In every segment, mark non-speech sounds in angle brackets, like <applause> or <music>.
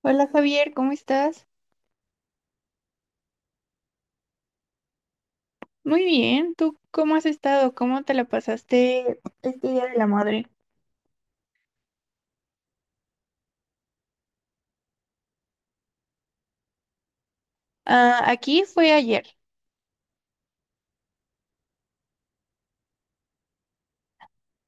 Hola Javier, ¿cómo estás? Muy bien, ¿tú cómo has estado? ¿Cómo te la pasaste este Día de la Madre? Ah, aquí fue ayer.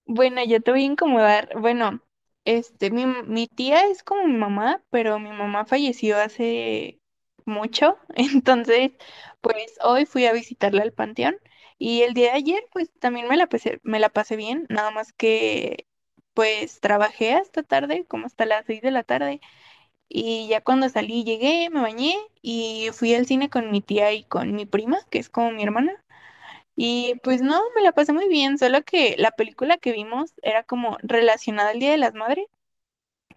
Bueno, yo te voy a incomodar. Bueno, mi tía es como mi mamá, pero mi mamá falleció hace mucho, <laughs> entonces, pues hoy fui a visitarla al panteón y el día de ayer, pues también me la pasé bien, nada más que, pues trabajé hasta tarde, como hasta las 6 de la tarde. Y ya cuando salí, llegué, me bañé y fui al cine con mi tía y con mi prima, que es como mi hermana. Y pues no, me la pasé muy bien, solo que la película que vimos era como relacionada al Día de las Madres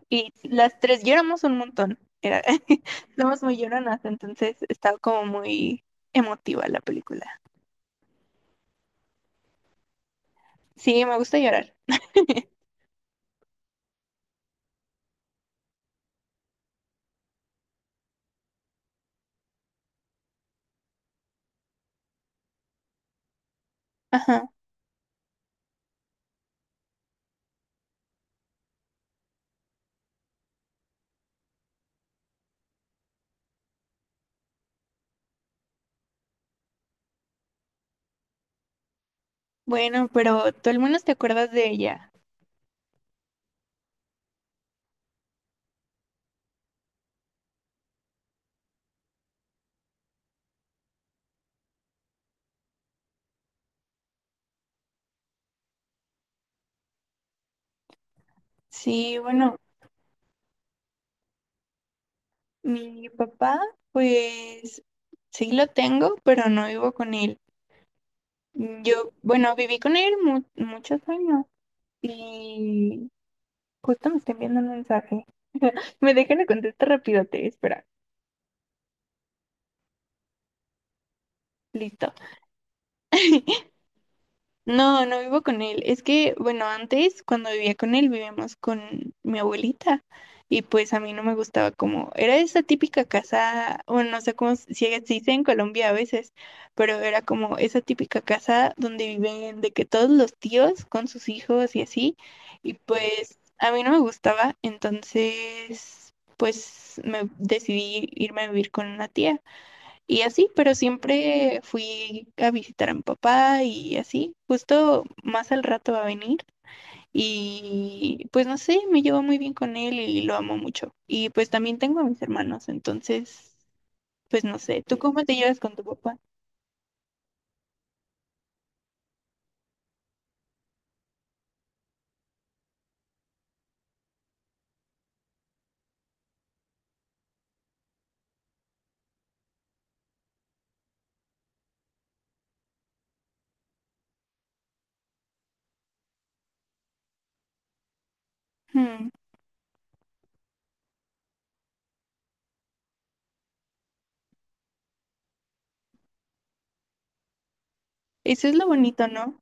y las tres lloramos un montón. Era, <laughs> somos muy lloronas, entonces estaba como muy emotiva la película. Sí, me gusta llorar. Ajá. Bueno, pero tú al menos te acuerdas de ella. Sí, bueno. Mi papá, pues sí lo tengo, pero no vivo con él. Yo, bueno, viví con él muchos años y justo me está enviando un mensaje. Me dejan la contestar rápido, te espera. Listo. <laughs> No, no vivo con él. Es que, bueno, antes cuando vivía con él vivíamos con mi abuelita y pues a mí no me gustaba como, era esa típica casa, bueno, no sé cómo se si se dice en Colombia a veces, pero era como esa típica casa donde viven de que todos los tíos con sus hijos y así, y pues a mí no me gustaba, entonces pues me decidí irme a vivir con una tía. Y así, pero siempre fui a visitar a mi papá y así. Justo más al rato va a venir y pues no sé, me llevo muy bien con él y lo amo mucho. Y pues también tengo a mis hermanos, entonces, pues no sé, ¿tú Mm. cómo te llevas con tu papá? Hmm. Eso es lo bonito, ¿no?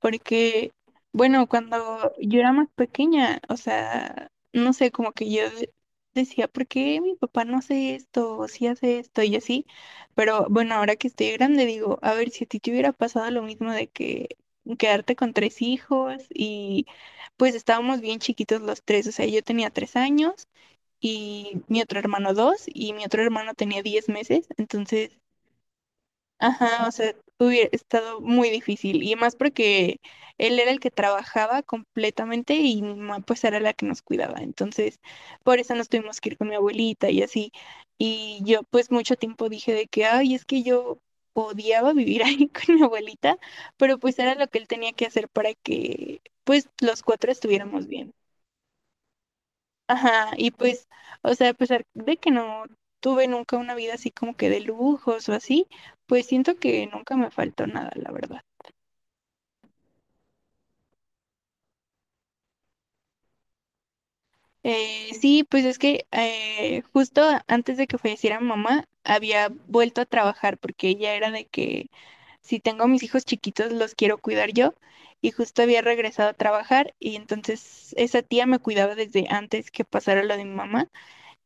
Porque, bueno, cuando yo era más pequeña, o sea, no sé, como que yo decía, ¿por qué mi papá no hace esto? O sí hace esto y así. Pero bueno, ahora que estoy grande, digo, a ver, si a ti te hubiera pasado lo mismo de que quedarte con tres hijos y pues estábamos bien chiquitos los tres, o sea, yo tenía 3 años y mi otro hermano dos y mi otro hermano tenía 10 meses, entonces ajá, o sea, hubiera estado muy difícil. Y más porque él era el que trabajaba completamente y mi mamá pues era la que nos cuidaba. Entonces, por eso nos tuvimos que ir con mi abuelita y así. Y yo pues mucho tiempo dije de que, ay, es que yo odiaba vivir <laughs> ahí con mi abuelita, pero pues era lo que él tenía que hacer para que pues los cuatro estuviéramos bien. Ajá, y pues, o sea, a pesar de que no tuve nunca una vida así como que de lujos o así, pues siento que nunca me faltó nada, la verdad. Sí, pues es que justo antes de que falleciera mi mamá, había vuelto a trabajar porque ella era de que si tengo a mis hijos chiquitos los quiero cuidar yo y justo había regresado a trabajar y entonces esa tía me cuidaba desde antes que pasara lo de mi mamá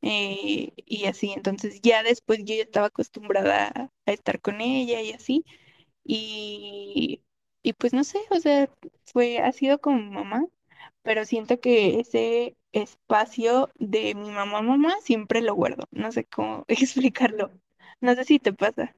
y así, entonces ya después yo ya estaba acostumbrada a estar con ella y así, y, y pues no sé, o sea, fue, ha sido con mi mamá, pero siento que ese espacio de mi mamá, mamá, siempre lo guardo, no sé cómo <laughs> explicarlo, no sé si te pasa.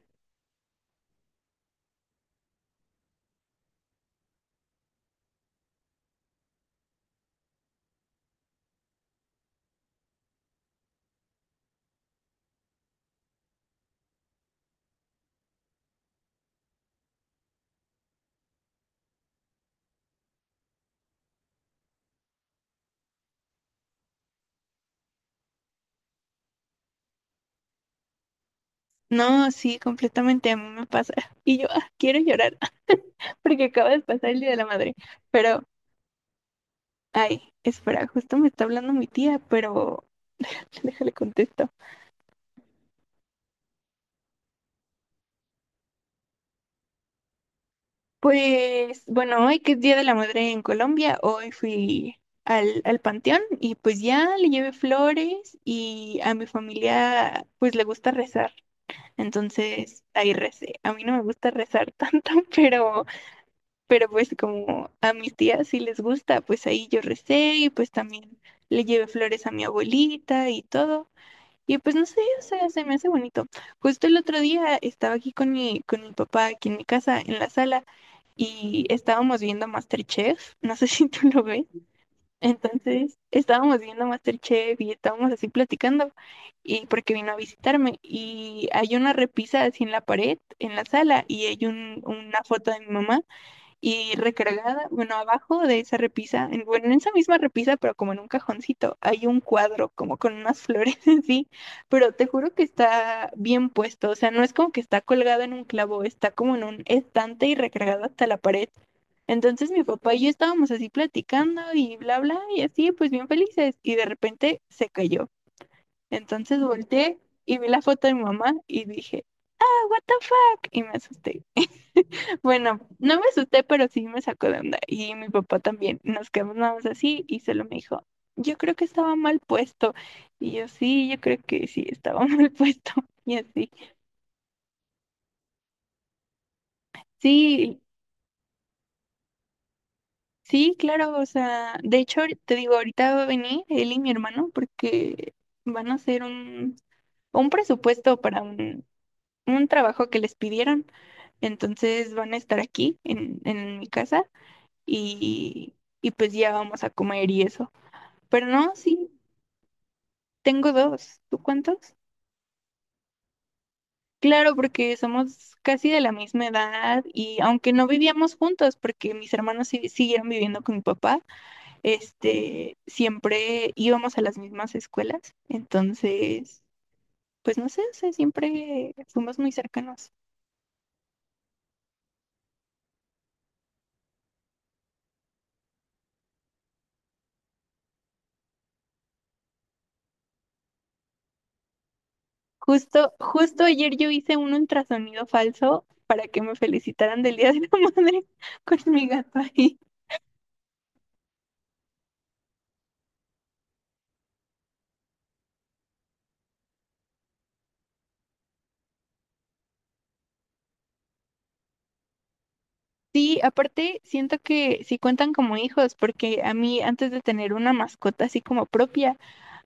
No, sí, completamente a mí me pasa. <laughs> Y yo, ah, quiero llorar <laughs> porque acaba de pasar el Día de la Madre. Pero, ay, espera, justo me está hablando mi tía, pero <laughs> déjale contesto. Pues bueno, hoy que es Día de la Madre en Colombia, hoy fui al panteón y pues ya le llevé flores y a mi familia pues le gusta rezar, entonces ahí recé. A mí no me gusta rezar <laughs> tanto, pero pues como a mis tías sí les gusta, pues ahí yo recé y pues también le llevé flores a mi abuelita y todo. Y pues no sé, o sea, se me hace bonito. Justo el otro día estaba aquí con mi papá, aquí en mi casa, en la sala y estábamos viendo MasterChef, no sé <laughs> si tú lo ves, entonces estábamos viendo MasterChef y estábamos así platicando, y porque vino a visitarme, y hay una repisa así en la pared, en la sala, y hay una foto de mi mamá, y recargada, bueno, abajo de esa repisa, en, bueno, en esa misma repisa, pero como en un cajoncito, hay un cuadro como con unas flores <laughs> así, pero te juro que está bien puesto, o sea, no es como que está colgado en un clavo, está como en un estante y recargado hasta la pared. Entonces mi papá y yo estábamos así platicando y bla, bla, y así, pues bien felices, y de repente se cayó. Entonces volteé y vi la foto de mi mamá y dije, ah, what the fuck, y me asusté. Bueno, no me asusté, pero sí me sacó de onda. Y mi papá también. Nos quedamos nada más así y solo me dijo, yo creo que estaba mal puesto. Y yo, sí, yo creo que sí, estaba <laughs> mal puesto. Y así. Sí, sí, claro. O sea, de hecho, te digo, ahorita va a venir él y mi hermano porque van a hacer un presupuesto para un trabajo que les pidieron. Entonces van a estar aquí en mi casa y, y pues ya vamos a comer y eso. Pero no, sí, tengo dos. ¿Tú cuántos? Claro, porque somos casi de la misma edad y aunque no vivíamos juntos, porque mis hermanos siguieron viviendo con mi papá, este, siempre íbamos a las mismas escuelas. Entonces, pues no sé, o sea, siempre fuimos muy cercanos. Justo, justo ayer yo hice un ultrasonido falso para que me felicitaran del Día de la <laughs> Madre con mi gato ahí. Sí, aparte siento que sí cuentan como hijos, porque a mí antes de tener una mascota así como propia,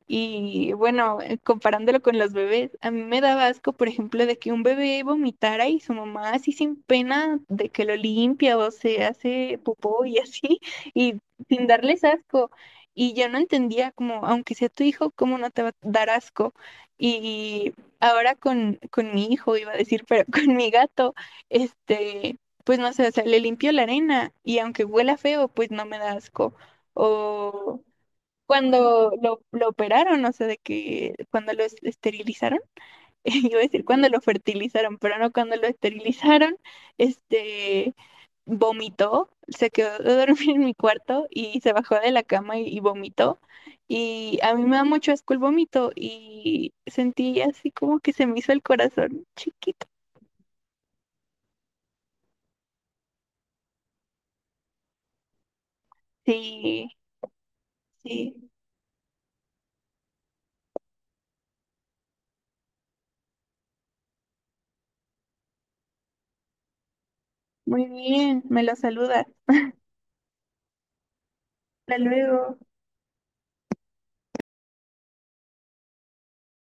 y bueno, comparándolo con los bebés, a mí me daba asco, por ejemplo, de que un bebé vomitara y su mamá así sin pena de que lo limpia o se hace popó y <laughs> así, y sin darles asco. Y yo no entendía como, aunque sea tu hijo, ¿cómo no te va a dar asco? Y ahora con mi hijo, iba a decir, pero <laughs> con mi gato, este, pues no sé, o sea, le limpio la arena y aunque huela feo, pues no me da asco. O cuando lo operaron, o sea, de que cuando lo esterilizaron, <laughs> iba a decir cuando lo fertilizaron, pero no cuando lo esterilizaron, este, vomitó, se quedó a dormir en mi cuarto y se bajó de la cama y vomitó. Y a mí me da mucho asco el vómito y sentí así como que se me hizo el corazón chiquito. Sí, sí, muy bien, me lo saludas. Hasta luego.